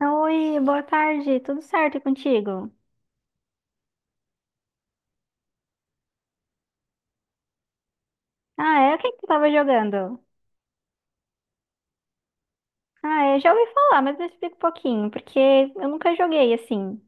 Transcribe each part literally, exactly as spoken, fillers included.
Oi, boa tarde, tudo certo e contigo? Ah, é? O que que tu tava jogando? Ah, eu já ouvi falar, mas me explica um pouquinho, porque eu nunca joguei assim.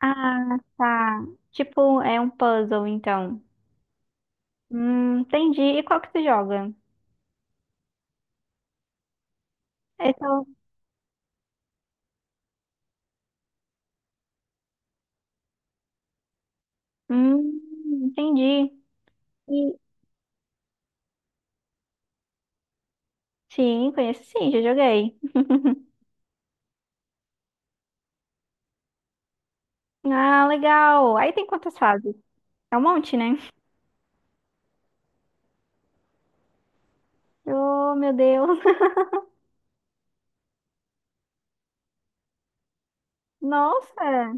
Ah, tá. Tipo, é um puzzle, então. Hum, entendi. E qual que tu joga? Eu sou... Hum, entendi. E... Sim, conheço sim, já joguei. Ah, legal. Aí tem quantas fases? É um monte, né? Oh, meu Deus. Nossa!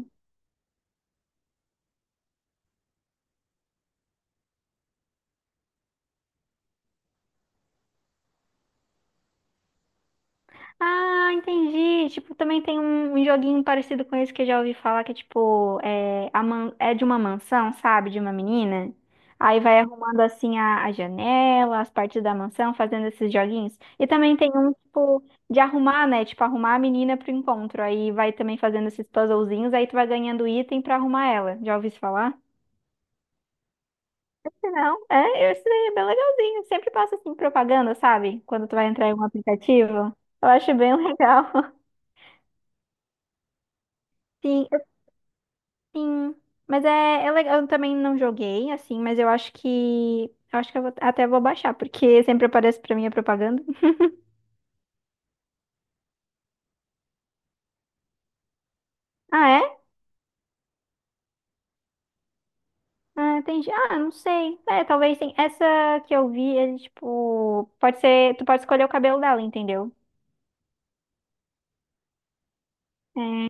Ah, entendi. Tipo, também tem um, um joguinho parecido com esse que eu já ouvi falar, que é tipo, é, a man- é de uma mansão, sabe? De uma menina. Aí vai arrumando assim a, a janela, as partes da mansão, fazendo esses joguinhos. E também tem um, tipo, de arrumar, né? Tipo, arrumar a menina pro encontro. Aí vai também fazendo esses puzzlezinhos, aí tu vai ganhando item pra arrumar ela. Já ouvi isso falar? Não, é, esse daí é bem legalzinho. Sempre passa assim propaganda, sabe? Quando tu vai entrar em um aplicativo. Eu acho bem legal. Sim, sim, mas é, é legal. Eu também não joguei, assim, mas eu acho que. Eu acho que eu vou- até vou baixar, porque sempre aparece pra mim a propaganda. Ah, é? Ah, tem. ge- Ah, não sei. É, talvez sim. Essa que eu vi, é tipo. Pode ser. Tu pode escolher o cabelo dela, entendeu? É.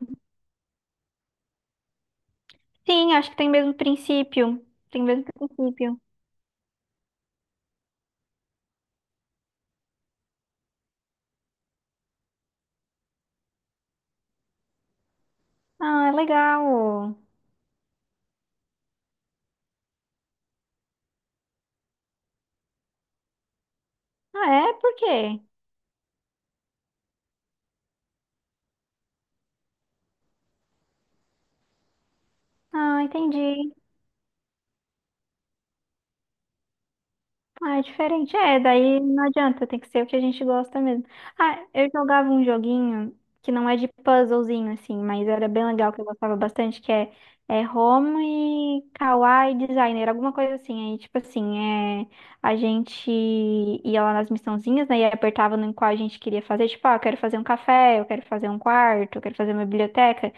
Sim, acho que tem o mesmo princípio. Tem o mesmo princípio. Ah, é legal. Ah, é? Por quê? Ah, entendi. Ah, é diferente. É, daí não adianta, tem que ser o que a gente gosta mesmo. Ah, eu jogava um joguinho que não é de puzzlezinho, assim, mas era bem legal, que eu gostava bastante, que é, é Roma e Kawaii Designer, alguma coisa assim. Aí, tipo assim, é, a gente ia lá nas missãozinhas, né, e apertava no qual a gente queria fazer, tipo, ah, eu quero fazer um café, eu quero fazer um quarto, eu quero fazer uma biblioteca.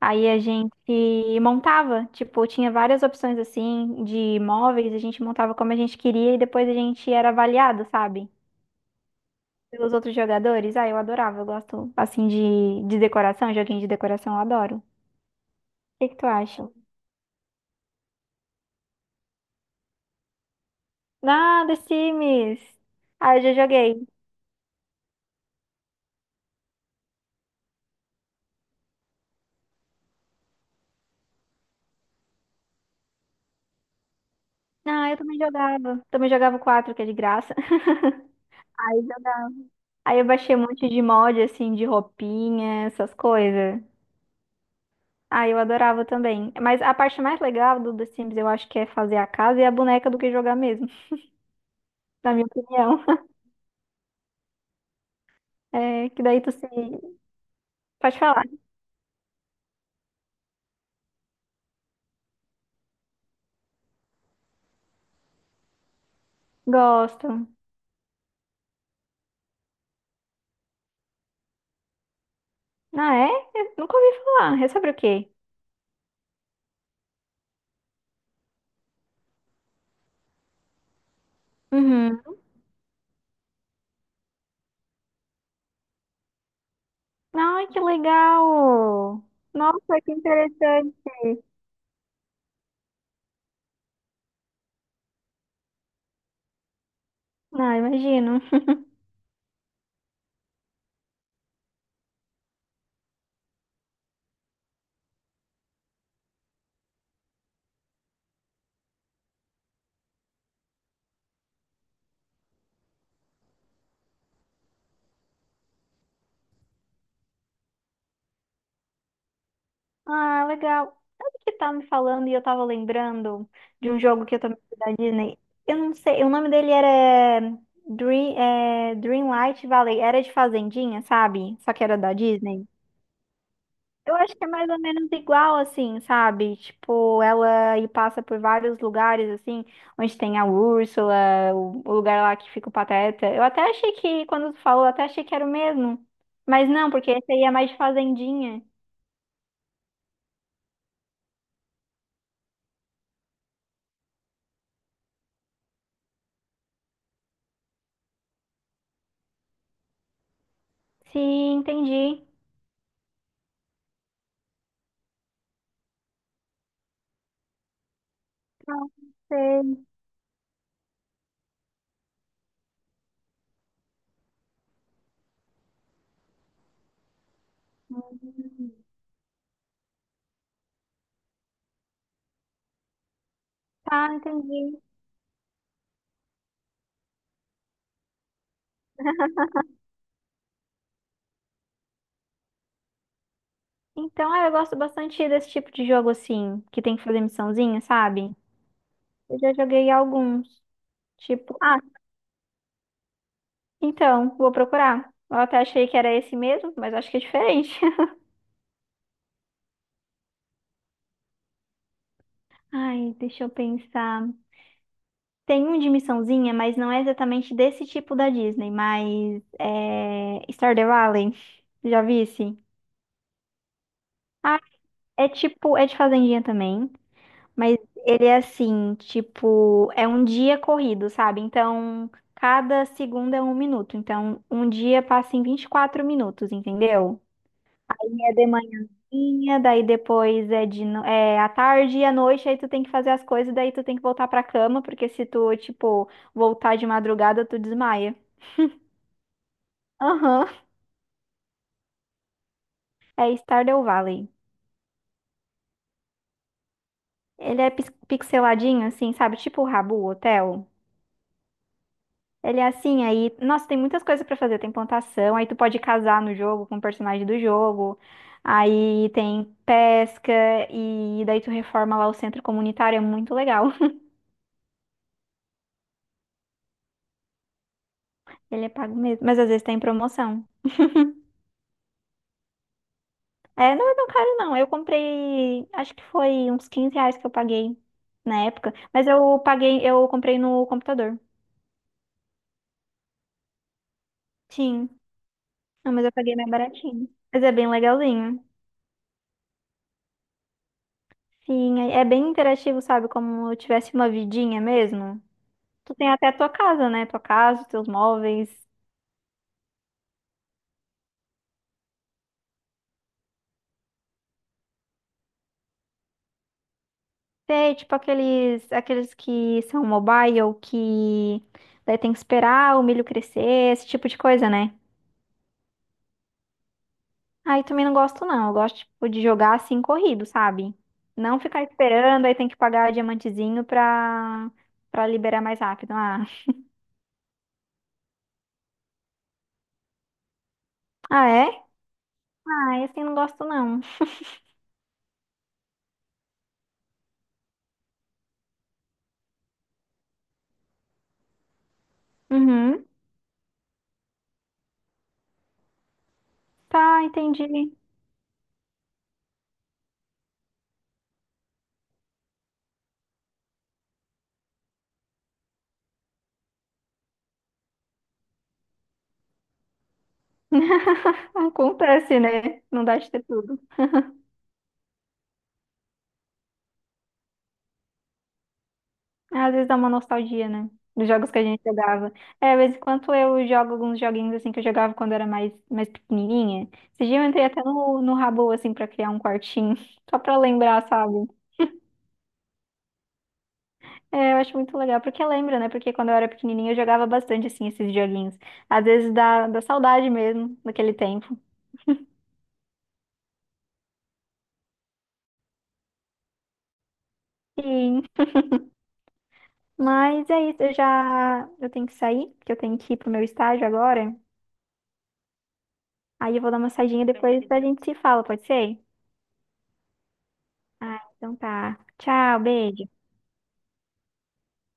Aí a gente montava, tipo, tinha várias opções assim de móveis, a gente montava como a gente queria e depois a gente era avaliado, sabe? Pelos outros jogadores. Ah, eu adorava, eu gosto assim de, de decoração, joguinho de decoração, eu adoro. O que que tu acha? Ah, The Sims! Ah, eu já joguei. Ah, eu também jogava. Também jogava o quatro, que é de graça. Aí, jogava. Aí eu baixei um monte de mod, assim, de roupinha, essas coisas. Ah, eu adorava também. Mas a parte mais legal do The Sims, eu acho que é fazer a casa e a boneca do que jogar mesmo, na minha opinião. É, que daí tu se... Pode falar. Gosto. Ah, é? Eu nunca ouvi falar. É sobre o quê? Uhum. Ai, que legal! Nossa, que interessante. Ah, imagino. Ah, legal. Sabe o que tava me falando e eu tava lembrando de um jogo que eu também fui da Disney? Eu não sei, o nome dele era eh, Dream, é, Dreamlight Valley. Era de Fazendinha, sabe? Só que era da Disney. Eu acho que é mais ou menos igual, assim, sabe? Tipo, ela e passa por vários lugares, assim, onde tem a Úrsula, o, o lugar lá que fica o Pateta. Eu até achei que, quando tu falou, eu até achei que era o mesmo. Mas não, porque esse aí é mais de Fazendinha. Sim, entendi. Não sei. Tá, entendi. Então, é, eu gosto bastante desse tipo de jogo assim, que tem que fazer missãozinha, sabe? Eu já joguei alguns. Tipo, ah, então, vou procurar. Eu até achei que era esse mesmo, mas acho que é diferente. Ai, deixa eu pensar. Tem um de missãozinha, mas não é exatamente desse tipo da Disney, mas é Stardew Valley. Já vi esse? Ah, é tipo, é de fazendinha também. Mas ele é assim, tipo, é um dia corrido, sabe? Então, cada segundo é um minuto. Então, um dia passa em vinte e quatro minutos, entendeu? Aí é de manhãzinha, daí depois é de no- é à tarde e à noite, aí tu tem que fazer as coisas, daí tu tem que voltar pra cama, porque se tu, tipo, voltar de madrugada, tu desmaia. Aham. É Stardew Valley. Ele é pis- pixeladinho, assim, sabe? Tipo o Rabu Hotel. Ele é assim, aí, nossa, tem muitas coisas pra fazer. Tem plantação, aí tu pode casar no jogo com o personagem do jogo. Aí tem pesca e daí tu reforma lá o centro comunitário, é muito legal. Ele é pago mesmo, mas às vezes tem promoção. É, não é tão caro não. Eu comprei, acho que foi uns quinze reais que eu paguei na época, mas eu paguei, eu comprei no computador. Sim. Não, mas eu paguei mais baratinho. Mas é bem legalzinho. Sim, é é bem interativo, sabe? Como eu tivesse uma vidinha mesmo. Tu tem até a tua casa, né? Tua casa, teus móveis. Tem, tipo, aqueles, aqueles que são mobile, que daí tem que esperar o milho crescer, esse tipo de coisa, né? Aí também não gosto, não. Eu gosto, tipo, de jogar assim, corrido, sabe? Não ficar esperando, aí tem que pagar diamantezinho pra, pra liberar mais rápido. Ah, ah é? Ah, esse eu não gosto, não. Uhum. Tá, entendi. Acontece, né? Não dá de ter tudo. Às vezes dá uma nostalgia, né? Dos jogos que a gente jogava. É, de vez em quando eu jogo alguns joguinhos assim que eu jogava quando era mais, mais pequenininha. Esse dia eu entrei até no, no Habbo, assim, pra criar um quartinho. Só pra lembrar, sabe? É, eu acho muito legal. Porque lembra, né? Porque quando eu era pequenininha eu jogava bastante, assim, esses joguinhos. Às vezes dá, dá saudade mesmo daquele tempo. Sim. Mas é isso, eu já... Eu tenho que sair, porque eu tenho que ir pro meu estágio agora. Aí eu vou dar uma saidinha depois a gente se fala, pode ser? Ah, então tá. Tchau, beijo.